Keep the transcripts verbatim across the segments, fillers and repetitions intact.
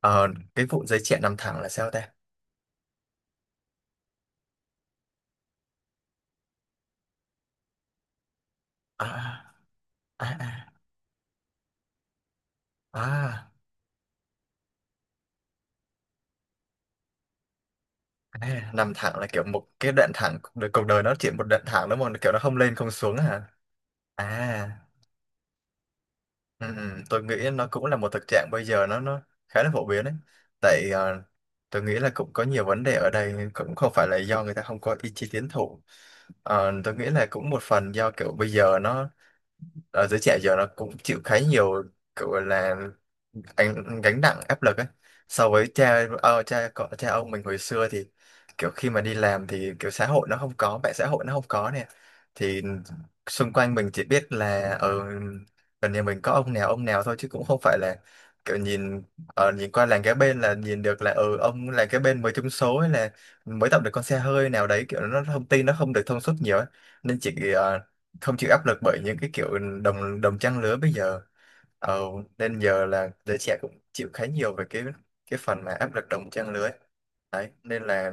Ờ, cái vụ giấy chuyện nằm thẳng là sao ta? À, à, à, à, à, à, nằm thẳng là kiểu một cái đoạn thẳng, đời- cuộc đời nó chỉ một đoạn thẳng đúng không? Kiểu nó không lên không xuống hả? À, ừ, ừ, tôi nghĩ nó cũng là một thực trạng bây giờ nó nó khá là phổ biến đấy. Tại ờ, tôi nghĩ là cũng có nhiều vấn đề ở đây cũng không phải là do người ta không có ý chí tiến thủ. Ờ, tôi nghĩ là cũng một phần do kiểu bây giờ nó ở giới trẻ giờ nó cũng chịu khá nhiều kiểu gọi là anh gánh nặng áp lực ấy so với cha ờ, cha cọ cha ông mình hồi xưa thì kiểu khi mà đi làm thì kiểu xã hội nó không có mạng xã hội nó không có nè, thì xung quanh mình chỉ biết là ở gần nhà mình có ông nào ông nào thôi chứ cũng không phải là kiểu nhìn ở nhìn qua làng kế bên là nhìn được là ừ ông làng kế bên mới trúng số hay là mới tập được con xe hơi nào đấy kiểu nó thông tin nó không được thông suốt nhiều ấy. Nên chỉ ờ, không chịu áp lực bởi những cái kiểu đồng đồng trang lứa bây giờ ờ, nên giờ là giới trẻ cũng chịu khá nhiều về cái cái phần mà áp lực đồng trang lứa ấy. Đấy nên là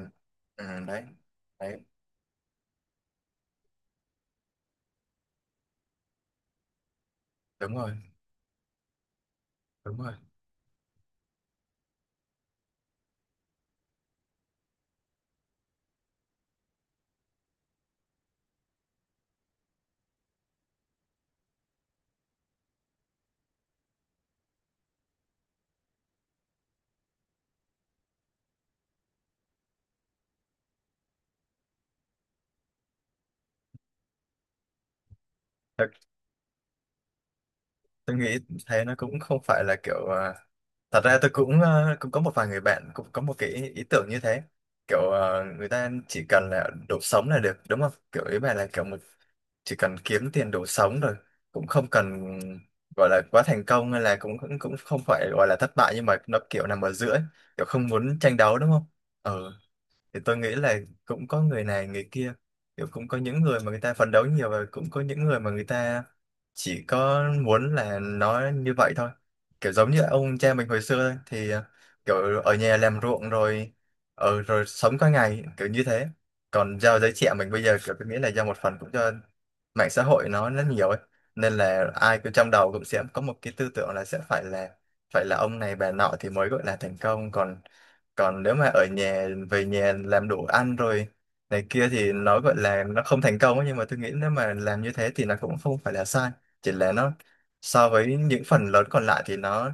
ừ, đấy đấy đúng rồi đúng rồi. Thật, tôi nghĩ thế nó cũng không phải là kiểu à, thật ra tôi cũng à, cũng có một vài người bạn cũng có một cái ý tưởng như thế kiểu à, người ta chỉ cần là đủ sống là được đúng không kiểu ý bạn là kiểu một chỉ cần kiếm tiền đủ sống rồi cũng không cần gọi là quá thành công hay là cũng cũng cũng không phải gọi là thất bại nhưng mà nó kiểu nằm ở giữa ấy. Kiểu không muốn tranh đấu đúng không ờ thì tôi nghĩ là cũng có người này người kia kiểu cũng có những người mà người ta phấn đấu nhiều và cũng có những người mà người ta chỉ có muốn là nó như vậy thôi kiểu giống như ông cha mình hồi xưa thôi, thì ờ, kiểu ở nhà làm ruộng rồi ở rồi sống qua ngày kiểu như thế. Còn do giới trẻ mình bây giờ kiểu tôi nghĩ là do một phần cũng do mạng xã hội nó rất nhiều ấy nên là ai cũng trong đầu cũng sẽ có một cái tư tưởng là sẽ phải là phải là ông này bà nọ thì mới gọi là thành công còn còn nếu mà ở nhà về nhà làm đồ ăn rồi này kia thì nó gọi là nó không thành công ấy, nhưng mà tôi nghĩ nếu mà làm như thế thì nó cũng không phải là sai chỉ là nó so với những phần lớn còn lại thì nó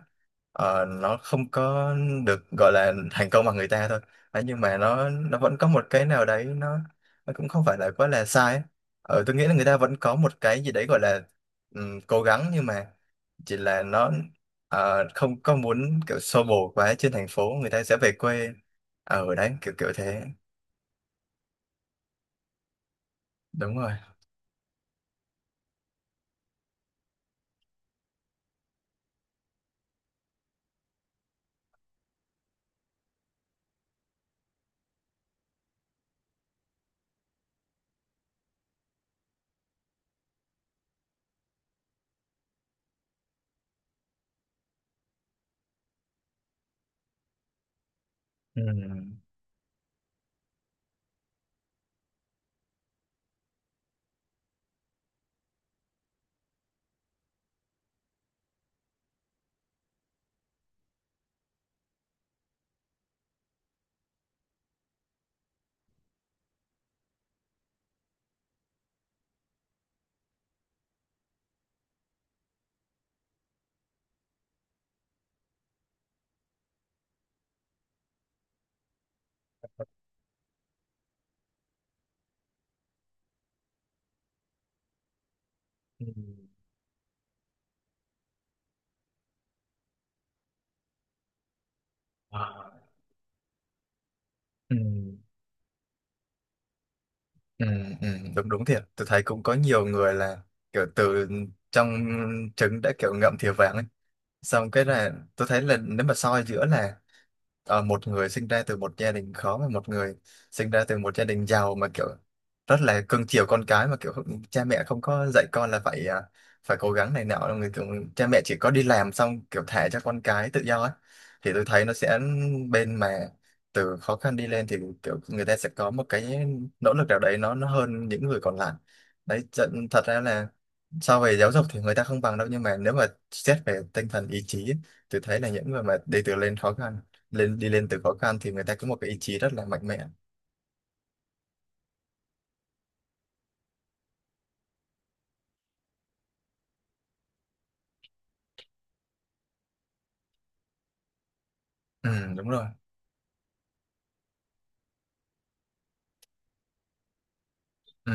ờ, nó không có được gọi là thành công bằng người ta thôi. Đấy, nhưng mà nó nó vẫn có một cái nào đấy nó nó cũng không phải là quá là sai ấy. Ờ, tôi nghĩ là người ta vẫn có một cái gì đấy gọi là ừm, cố gắng nhưng mà chỉ là nó ờ, không có muốn kiểu xô bồ quá trên thành phố người ta sẽ về quê ở đấy kiểu kiểu thế. Đúng rồi, ừ. Ừ. Ờ. Ừ. Ừ. Ừ. đúng đúng thiệt tôi thấy cũng có nhiều người là kiểu từ trong trứng đã kiểu ngậm thìa vàng xong cái là tôi thấy là nếu mà soi giữa là ờ, một người sinh ra từ một gia đình khó và một người sinh ra từ một gia đình giàu mà kiểu rất là cưng chiều con cái mà kiểu cha mẹ không có dạy con là phải ờ, phải cố gắng này nọ người kiểu cha mẹ chỉ có đi làm xong kiểu thả cho con cái tự do ấy. Thì tôi thấy nó sẽ bên mà từ khó khăn đi lên thì kiểu người ta sẽ có một cái nỗ lực nào đấy nó nó hơn những người còn lại. Đấy thật thật ra là so về giáo dục thì người ta không bằng đâu nhưng mà nếu mà xét về tinh thần ý chí ấy, tôi thấy là những người mà đi từ lên khó khăn lên đi lên từ khó khăn thì người ta có một cái ý chí rất là mạnh mẽ. Ừ, đúng rồi, ừ,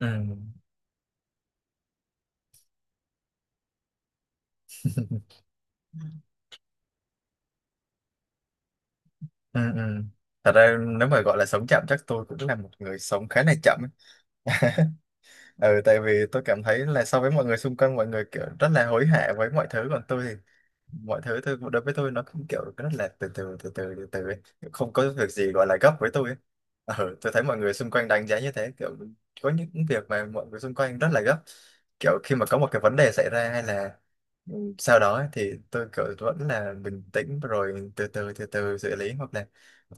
ừ, ừ, ừ. Thật ra nếu mà gọi là sống chậm chắc tôi cũng là một người sống khá là chậm ấy. Ừ, tại vì tôi cảm thấy là so với mọi người xung quanh mọi người kiểu rất là hối hả với mọi thứ còn tôi thì mọi thứ tôi đối với tôi nó cũng kiểu rất là từ từ từ từ từ từ ấy. Không có việc gì gọi là gấp với tôi ấy. Ờ, tôi thấy mọi người xung quanh đánh giá như thế kiểu có những việc mà mọi người xung quanh rất là gấp kiểu khi mà có một cái vấn đề xảy ra hay là sau đó ấy, thì tôi kiểu vẫn là bình tĩnh rồi từ từ từ từ xử lý hoặc là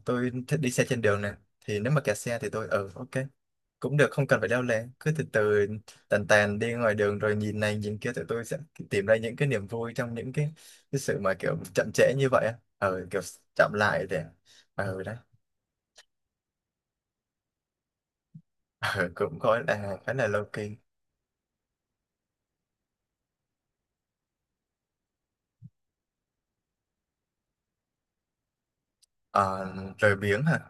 tôi thích đi xe trên đường này thì nếu mà kẹt xe thì tôi ừ ok cũng được không cần phải leo lén cứ từ từ tàn tàn đi ngoài đường rồi nhìn này nhìn kia tụi tôi sẽ tìm ra những cái niềm vui trong những cái, cái sự mà kiểu chậm trễ như vậy á ờ kiểu chậm lại để ờ đấy ờ, cũng có là khá là low key. ờ, lười biếng hả?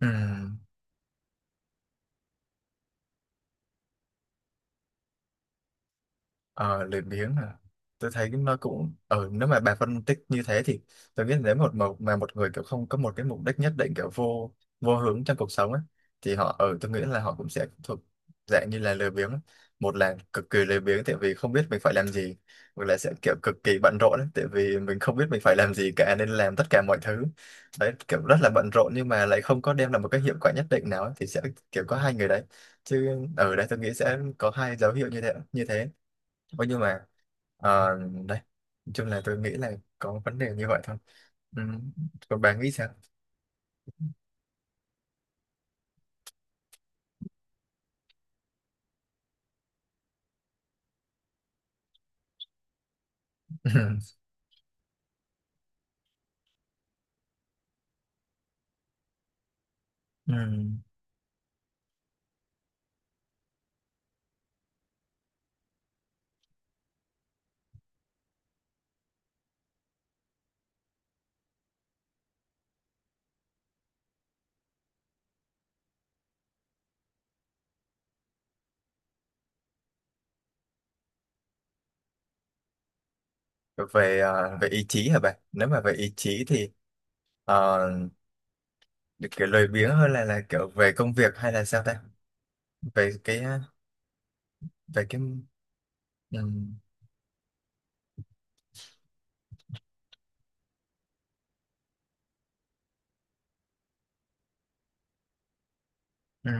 Ừ. Ờ, lười biếng à. Tôi thấy nó cũng ừ, nếu mà bà phân tích như thế thì tôi nghĩ nếu một một mà một người kiểu không có một cái mục đích nhất định kiểu vô vô hướng trong cuộc sống ấy thì họ ở tôi nghĩ là họ cũng sẽ thuộc dạng như là lười biếng ấy. Một là cực kỳ lười biếng tại vì không biết mình phải làm gì hoặc là sẽ kiểu cực kỳ bận rộn ấy, tại vì mình không biết mình phải làm gì cả nên làm tất cả mọi thứ đấy kiểu rất là bận rộn nhưng mà lại không có đem lại một cái hiệu quả nhất định nào ấy, thì sẽ kiểu có hai người đấy chứ ở đây tôi nghĩ sẽ có hai dấu hiệu như thế như thế. Ôi, nhưng mà ờ, đây nói chung là tôi nghĩ là có vấn đề như vậy thôi ừ. Còn bà nghĩ sao? ừ. Về ờ, về ý chí hả bạn? Nếu mà về ý chí thì ờ, được kiểu lười biếng hơn là là kiểu về công việc hay là sao ta về cái ờ, về cái ừ. Ừ.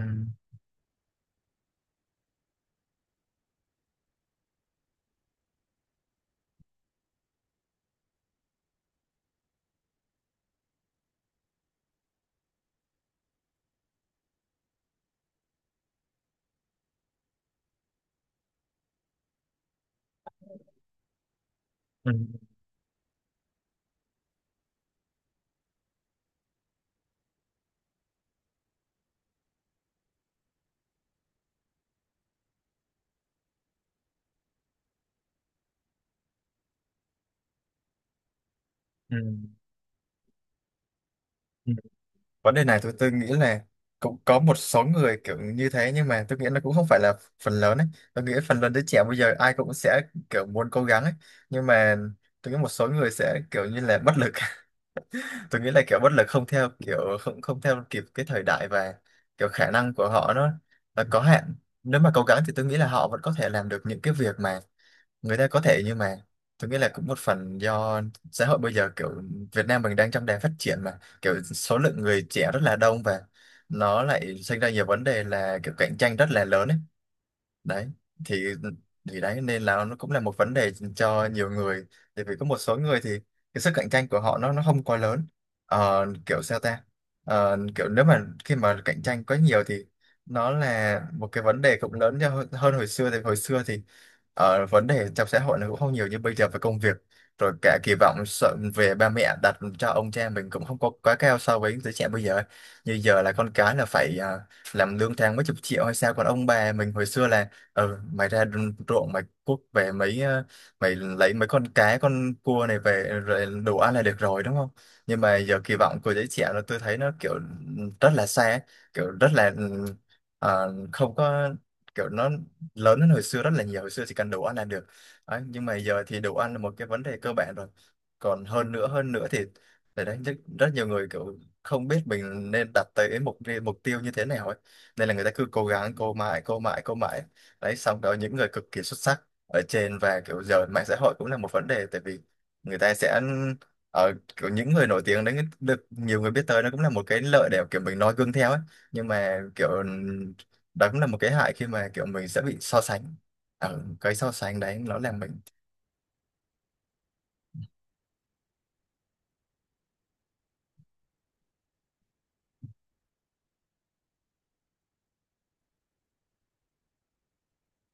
Ừ. Ừ. ừ. Vấn đề này tôi tôi nghĩ là cũng có một số người kiểu như thế nhưng mà tôi nghĩ nó cũng không phải là phần lớn ấy tôi nghĩ phần lớn đứa trẻ bây giờ ai cũng sẽ kiểu muốn cố gắng ấy nhưng mà tôi nghĩ một số người sẽ kiểu như là bất lực. Tôi nghĩ là kiểu bất lực không theo kiểu không không theo kịp cái thời đại và kiểu khả năng của họ nó là có hạn nếu mà cố gắng thì tôi nghĩ là họ vẫn có thể làm được những cái việc mà người ta có thể nhưng mà tôi nghĩ là cũng một phần do xã hội bây giờ kiểu Việt Nam mình đang trong đà phát triển mà kiểu số lượng người trẻ rất là đông và nó lại sinh ra nhiều vấn đề là kiểu cạnh tranh rất là lớn ấy. Đấy thì thì đấy nên là nó cũng là một vấn đề cho nhiều người tại vì có một số người thì cái sức cạnh tranh của họ nó nó không quá lớn. Ờ, kiểu sao ta. Ờ, kiểu nếu mà khi mà cạnh tranh quá nhiều thì nó là một cái vấn đề cũng lớn cho hơn hơn hồi xưa thì hồi xưa thì ờ, vấn đề trong xã hội nó cũng không nhiều như bây giờ về công việc rồi cả kỳ vọng sợ về ba mẹ đặt cho ông cha mình cũng không có quá cao so với giới trẻ bây giờ như giờ là con cái là phải ờ, làm lương tháng mấy chục triệu hay sao còn ông bà mình hồi xưa là Ờ, mày ra đồng ruộng mày cuốc về mấy ờ, mày lấy mấy con cá con cua này về rồi đủ ăn là được rồi đúng không nhưng mà giờ kỳ vọng của giới trẻ là tôi thấy nó kiểu rất là xa ấy, kiểu rất là ờ, không có kiểu nó lớn hơn hồi xưa rất là nhiều hồi xưa chỉ cần đủ ăn là được. Đấy, nhưng mà giờ thì đủ ăn là một cái vấn đề cơ bản rồi còn hơn nữa hơn nữa thì để đấy rất, rất nhiều người kiểu không biết mình nên đặt tới mục mục tiêu như thế nào ấy nên là người ta cứ cố gắng cố mãi cố mãi cố mãi đấy xong đó những người cực kỳ xuất sắc ở trên và kiểu giờ mạng xã hội cũng là một vấn đề tại vì người ta sẽ ở kiểu những người nổi tiếng đấy được nhiều người biết tới nó cũng là một cái lợi để kiểu mình noi gương theo ấy nhưng mà kiểu đó cũng là một cái hại khi mà kiểu mình sẽ bị so sánh ở cái so sánh đấy nó làm mình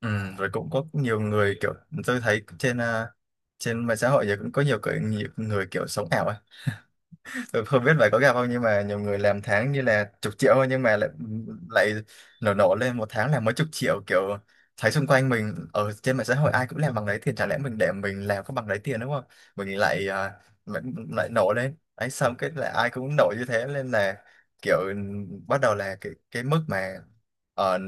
ừ, rồi cũng có nhiều người kiểu tôi thấy trên à, trên mạng xã hội giờ cũng có nhiều, cái, nhiều người kiểu sống ảo ấy. Tôi không biết bạn có gặp không nhưng mà nhiều người làm tháng như là chục triệu thôi nhưng mà lại lại nổ nổ lên một tháng là mấy chục triệu kiểu thấy xung quanh mình ở trên mạng xã hội ai cũng làm bằng đấy tiền chả lẽ mình để mình làm có bằng đấy tiền đúng không mình lại à, lại, lại nổ lên ấy xong cái là ai cũng nổ như thế nên là kiểu bắt đầu là cái cái mức mà ờ,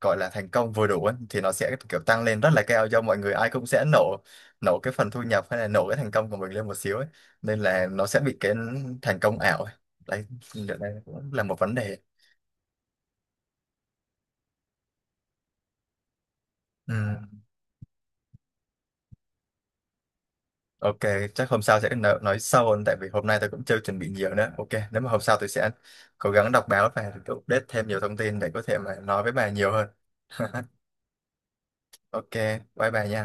gọi là thành công vừa đủ ấy, thì nó sẽ kiểu tăng lên rất là cao do mọi người ai cũng sẽ nổ nổ cái phần thu nhập hay là nổ cái thành công của mình lên một xíu ấy nên là nó sẽ bị cái thành công ảo ấy. Đấy liệu đây cũng là một vấn đề ừ. Ok, chắc hôm sau sẽ nói, nói sâu hơn tại vì hôm nay tôi cũng chưa chuẩn bị nhiều nữa ok nếu mà hôm sau tôi sẽ cố gắng đọc báo và tôi update thêm nhiều thông tin để có thể mà nói với bà nhiều hơn. Ok bye bà nha.